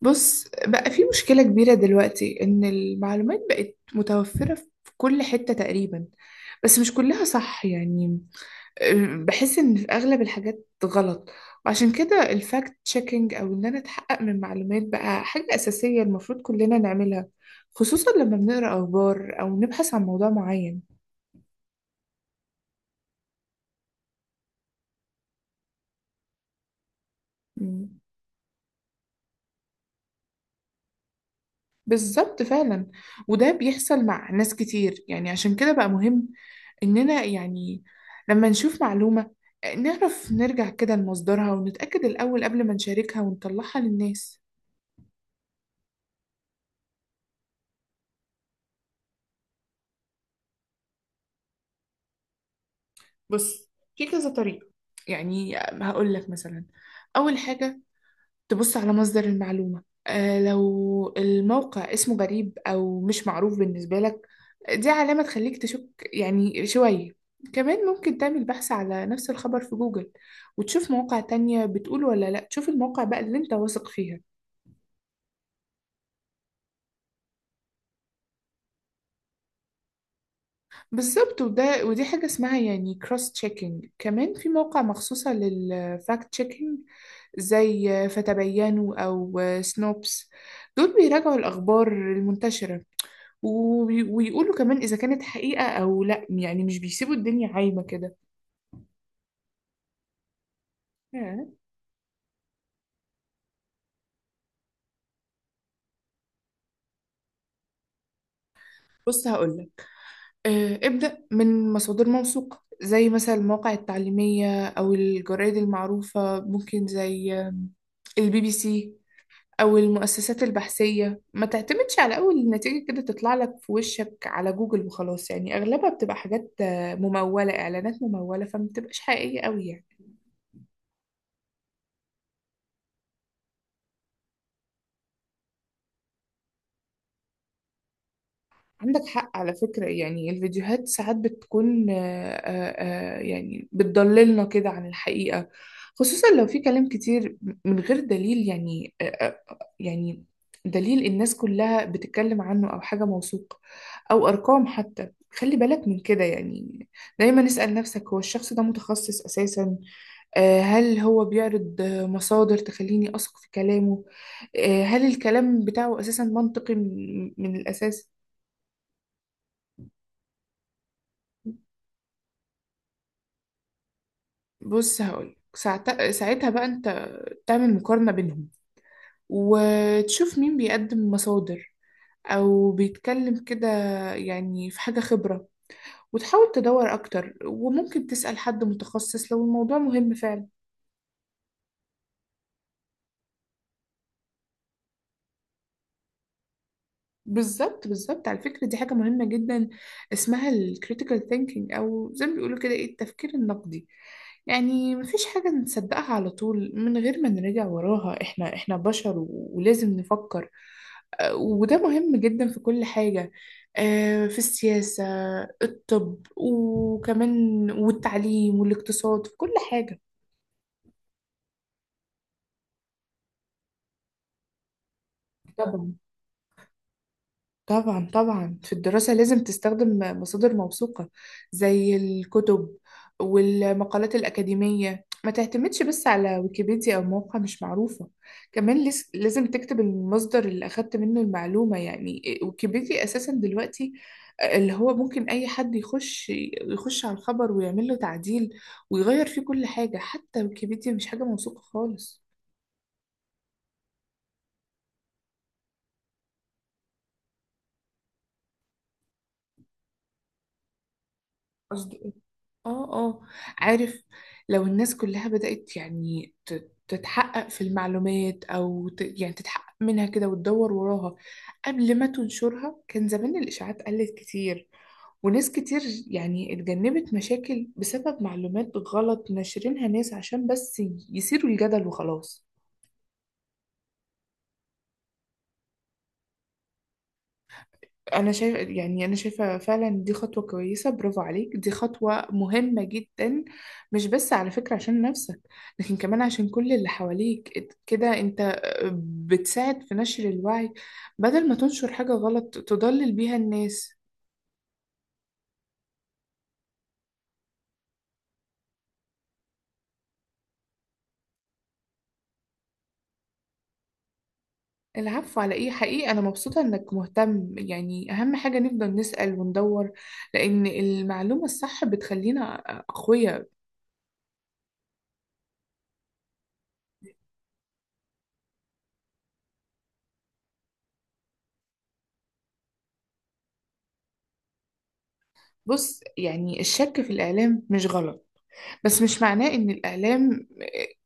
بص بقى، في مشكلة كبيرة دلوقتي إن المعلومات بقت متوفرة في كل حتة تقريبا. بس مش كلها صح يعني. بحس إن في أغلب الحاجات غلط. وعشان كده، الفاكت تشيكينج أو إن أنا أتحقق من معلومات بقى حاجة أساسية المفروض كلنا نعملها، خصوصا لما بنقرأ أخبار أو نبحث عن موضوع معين. بالظبط فعلا. وده بيحصل مع ناس كتير يعني، عشان كده بقى مهم إننا يعني لما نشوف معلومة نعرف نرجع كده لمصدرها ونتأكد الأول قبل ما نشاركها ونطلعها للناس. بص، في كذا طريقة. يعني هقول لك مثلا، أول حاجة تبص على مصدر المعلومة. لو الموقع اسمه غريب أو مش معروف بالنسبة لك، دي علامة تخليك تشك يعني شوية. كمان ممكن تعمل بحث على نفس الخبر في جوجل، وتشوف مواقع تانية بتقول ولا لأ. تشوف المواقع بقى اللي انت واثق فيها. بالظبط. ودي حاجة اسمها يعني كروس تشيكينج. كمان في مواقع مخصوصة للفاكت تشيكينج زي فتبينوا أو سنوبس. دول بيراجعوا الأخبار المنتشرة، ويقولوا كمان إذا كانت حقيقة أو لأ، يعني مش بيسيبوا الدنيا عايمة كده. ياه. بص هقولك، ابدأ من مصادر موثوقة زي مثلا المواقع التعليمية أو الجرائد المعروفة، ممكن زي الBBC أو المؤسسات البحثية. ما تعتمدش على أول نتيجة كده تطلع لك في وشك على جوجل وخلاص، يعني أغلبها بتبقى حاجات ممولة، إعلانات ممولة فما بتبقاش حقيقية أوي يعني. عندك حق على فكرة. يعني الفيديوهات ساعات بتكون يعني بتضللنا كده عن الحقيقة، خصوصا لو في كلام كتير من غير دليل يعني. يعني دليل الناس كلها بتتكلم عنه أو حاجة موثوق أو أرقام حتى. خلي بالك من كده يعني. دايما اسأل نفسك، هو الشخص ده متخصص أساسا؟ هل هو بيعرض مصادر تخليني أثق في كلامه؟ هل الكلام بتاعه أساسا منطقي من الأساس؟ بص هقول ساعتها بقى انت تعمل مقارنة بينهم، وتشوف مين بيقدم مصادر او بيتكلم كده، يعني في حاجة خبرة. وتحاول تدور اكتر، وممكن تسأل حد متخصص لو الموضوع مهم فعلا. بالظبط بالظبط. على فكرة دي حاجة مهمة جدا، اسمها ال critical thinking أو زي ما بيقولوا كده، إيه؟ التفكير النقدي. يعني مفيش حاجة نصدقها على طول من غير ما نراجع وراها. إحنا بشر و- ولازم نفكر. وده مهم جدا في كل حاجة. في السياسة، الطب وكمان والتعليم والاقتصاد، في كل حاجة. طبعا. طبعا طبعا، في الدراسة لازم تستخدم مصادر موثوقة، زي الكتب والمقالات الأكاديمية. ما تعتمدش بس على ويكيبيديا أو موقع مش معروفة. كمان لازم تكتب المصدر اللي أخدت منه المعلومة. يعني ويكيبيديا أساسا دلوقتي اللي هو ممكن أي حد يخش على الخبر ويعمل له تعديل، ويغير فيه كل حاجة. حتى ويكيبيديا مش حاجة موثوقة خالص. قصدي، اه اه، عارف. لو الناس كلها بدأت يعني تتحقق في المعلومات او يعني تتحقق منها كده وتدور وراها قبل ما تنشرها، كان زمان الإشاعات قلت كتير، وناس كتير يعني اتجنبت مشاكل بسبب معلومات غلط ناشرينها ناس عشان بس يثيروا الجدل وخلاص. انا شايف يعني انا شايفه فعلا دي خطوه كويسه. برافو عليك، دي خطوه مهمه جدا. مش بس على فكره عشان نفسك، لكن كمان عشان كل اللي حواليك. كده انت بتساعد في نشر الوعي، بدل ما تنشر حاجه غلط تضلل بيها الناس. العفو على ايه؟ حقيقي انا مبسوطه انك مهتم. يعني اهم حاجه نفضل نسأل وندور، لان المعلومه الصح بتخلينا اقوياء. بص يعني، الشك في الاعلام مش غلط. بس مش معناه إن الإعلام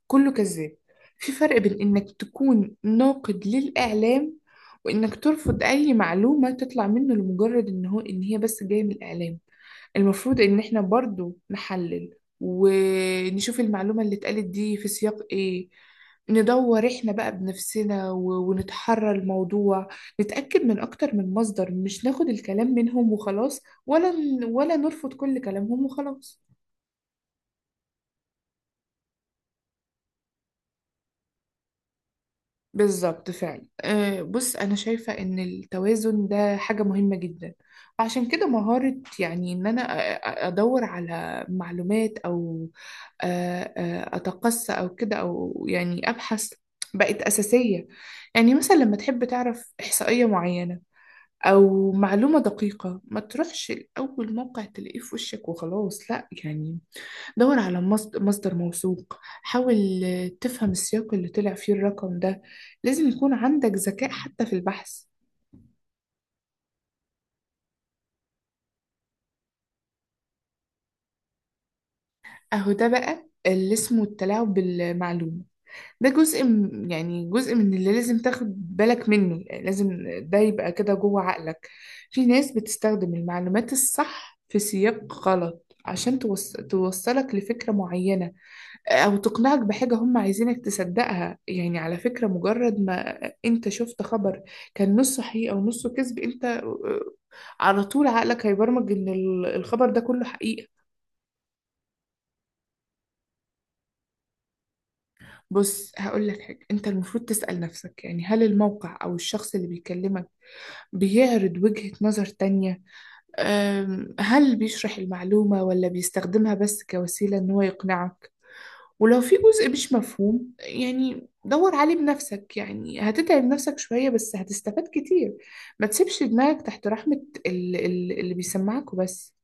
كله كذاب. في فرق بين إنك تكون ناقد للإعلام، وإنك ترفض أي معلومة تطلع منه لمجرد إن هي بس جاية من الإعلام. المفروض إن إحنا برضو نحلل، ونشوف المعلومة اللي اتقالت دي في سياق إيه. ندور إحنا بقى بنفسنا و- ونتحرى الموضوع. نتأكد من أكتر من مصدر، مش ناخد الكلام منهم وخلاص، ولا ولا نرفض كل كلامهم وخلاص. بالظبط فعلا. أه، بص، أنا شايفة إن التوازن ده حاجة مهمة جدا. عشان كده، مهارة يعني إن أنا أدور على معلومات أو أ- أ- أتقصى أو كده أو يعني أبحث بقت أساسية. يعني مثلا لما تحب تعرف إحصائية معينة أو معلومة دقيقة، ما تروحش لأول موقع تلاقيه في وشك وخلاص. لأ يعني، دور على مصدر موثوق. حاول تفهم السياق اللي طلع فيه الرقم ده. لازم يكون عندك ذكاء حتى في البحث. اهو، ده بقى اللي اسمه التلاعب بالمعلومة. ده جزء يعني جزء من اللي لازم تاخد بالك منه. يعني لازم ده يبقى كده جوه عقلك. في ناس بتستخدم المعلومات الصح في سياق غلط عشان توصلك لفكرة معينة، او تقنعك بحاجة هم عايزينك تصدقها. يعني على فكرة، مجرد ما انت شفت خبر كان نص صحيح او نصه حقيقة ونصه كذب، انت على طول عقلك هيبرمج ان الخبر ده كله حقيقة. بص هقول لك حاجة، انت المفروض تسأل نفسك يعني، هل الموقع او الشخص اللي بيكلمك بيعرض وجهة نظر تانية؟ هل بيشرح المعلومة ولا بيستخدمها بس كوسيلة ان هو يقنعك؟ ولو في جزء مش مفهوم، يعني دور عليه بنفسك. يعني هتتعب نفسك شوية، بس هتستفاد كتير. ما تسيبش دماغك تحت رحمة اللي بيسمعك وبس.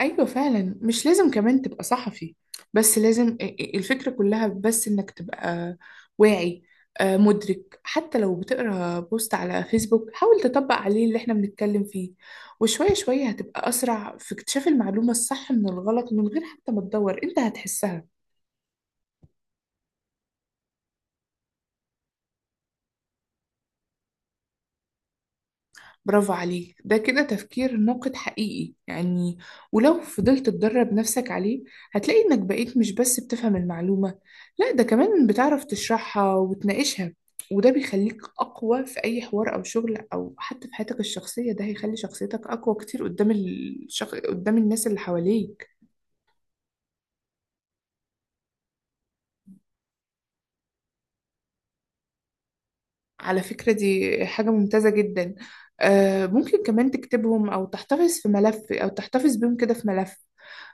أيوة فعلا. مش لازم كمان تبقى صحفي، بس لازم الفكرة كلها بس إنك تبقى واعي، مدرك. حتى لو بتقرأ بوست على فيسبوك، حاول تطبق عليه اللي احنا بنتكلم فيه. وشوية شوية هتبقى أسرع في اكتشاف المعلومة الصح من الغلط. من غير حتى ما تدور، انت هتحسها. برافو عليك، ده كده تفكير ناقد حقيقي يعني. ولو فضلت تدرب نفسك عليه، هتلاقي إنك بقيت مش بس بتفهم المعلومة، لا ده كمان بتعرف تشرحها وتناقشها. وده بيخليك أقوى في أي حوار أو شغل أو حتى في حياتك الشخصية. ده هيخلي شخصيتك أقوى كتير قدام قدام الناس اللي حواليك. على فكرة دي حاجة ممتازة جدا. ممكن كمان تكتبهم أو تحتفظ في ملف أو تحتفظ بيهم كده في ملف.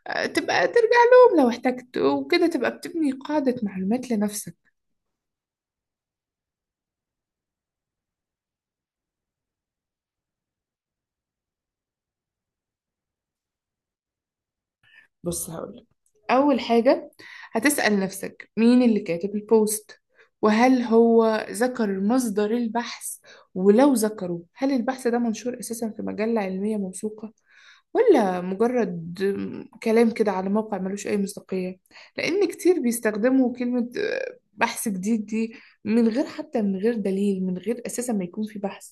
تبقى ترجع لهم لو احتجت، وكده تبقى بتبني قاعدة معلومات لنفسك. بص هقولك، أول حاجة هتسأل نفسك مين اللي كاتب البوست، وهل هو ذكر مصدر البحث؟ ولو ذكره، هل البحث ده منشور أساسا في مجلة علمية موثوقة، ولا مجرد كلام كده على موقع ملوش أي مصداقية؟ لأن كتير بيستخدموا كلمة بحث جديد دي من غير، حتى من غير دليل، من غير أساسا ما يكون في بحث.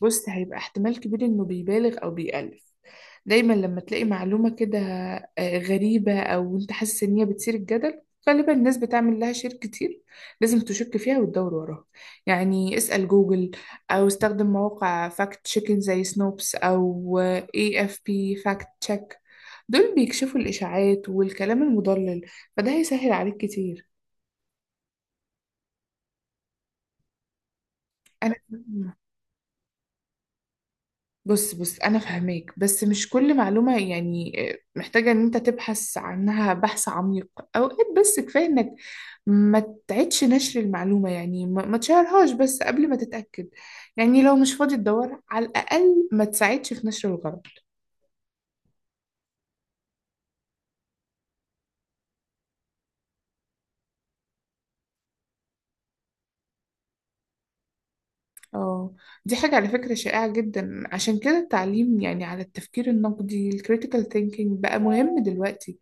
بص، هيبقى احتمال كبير انه بيبالغ او بيألف. دايما لما تلاقي معلومة كده غريبة، او انت حاسس ان هي بتثير الجدل، غالبا الناس بتعمل لها شير كتير، لازم تشك فيها وتدور وراها. يعني اسأل جوجل، او استخدم مواقع فاكت تشيكن زي سنوبس او AFP فاكت تشيك. دول بيكشفوا الاشاعات والكلام المضلل، فده هيسهل عليك كتير. انا بص بص، انا فاهماك. بس مش كل معلومه يعني محتاجه ان انت تبحث عنها بحث عميق. اوقات بس كفايه انك ما تعيدش نشر المعلومه، يعني ما تشهرهاش بس قبل ما تتاكد. يعني لو مش فاضي تدور، على الاقل ما تساعدش في نشر الغلط. اه، دي حاجه على فكره شائعه جدا. عشان كده التعليم يعني على التفكير النقدي، الكريتيكال ثينكينج، بقى مهم دلوقتي.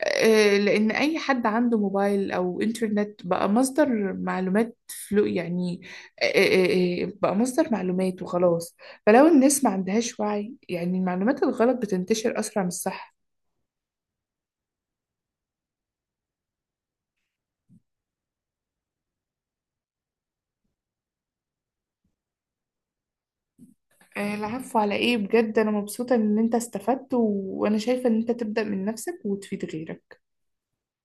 لأن أي حد عنده موبايل أو إنترنت بقى مصدر معلومات. فلو يعني بقى مصدر معلومات وخلاص. فلو الناس ما عندهاش وعي يعني، المعلومات الغلط بتنتشر أسرع من الصح. العفو على إيه؟ بجد أنا مبسوطة إن أنت استفدت، و... وأنا شايفة إن أنت تبدأ من نفسك وتفيد غيرك.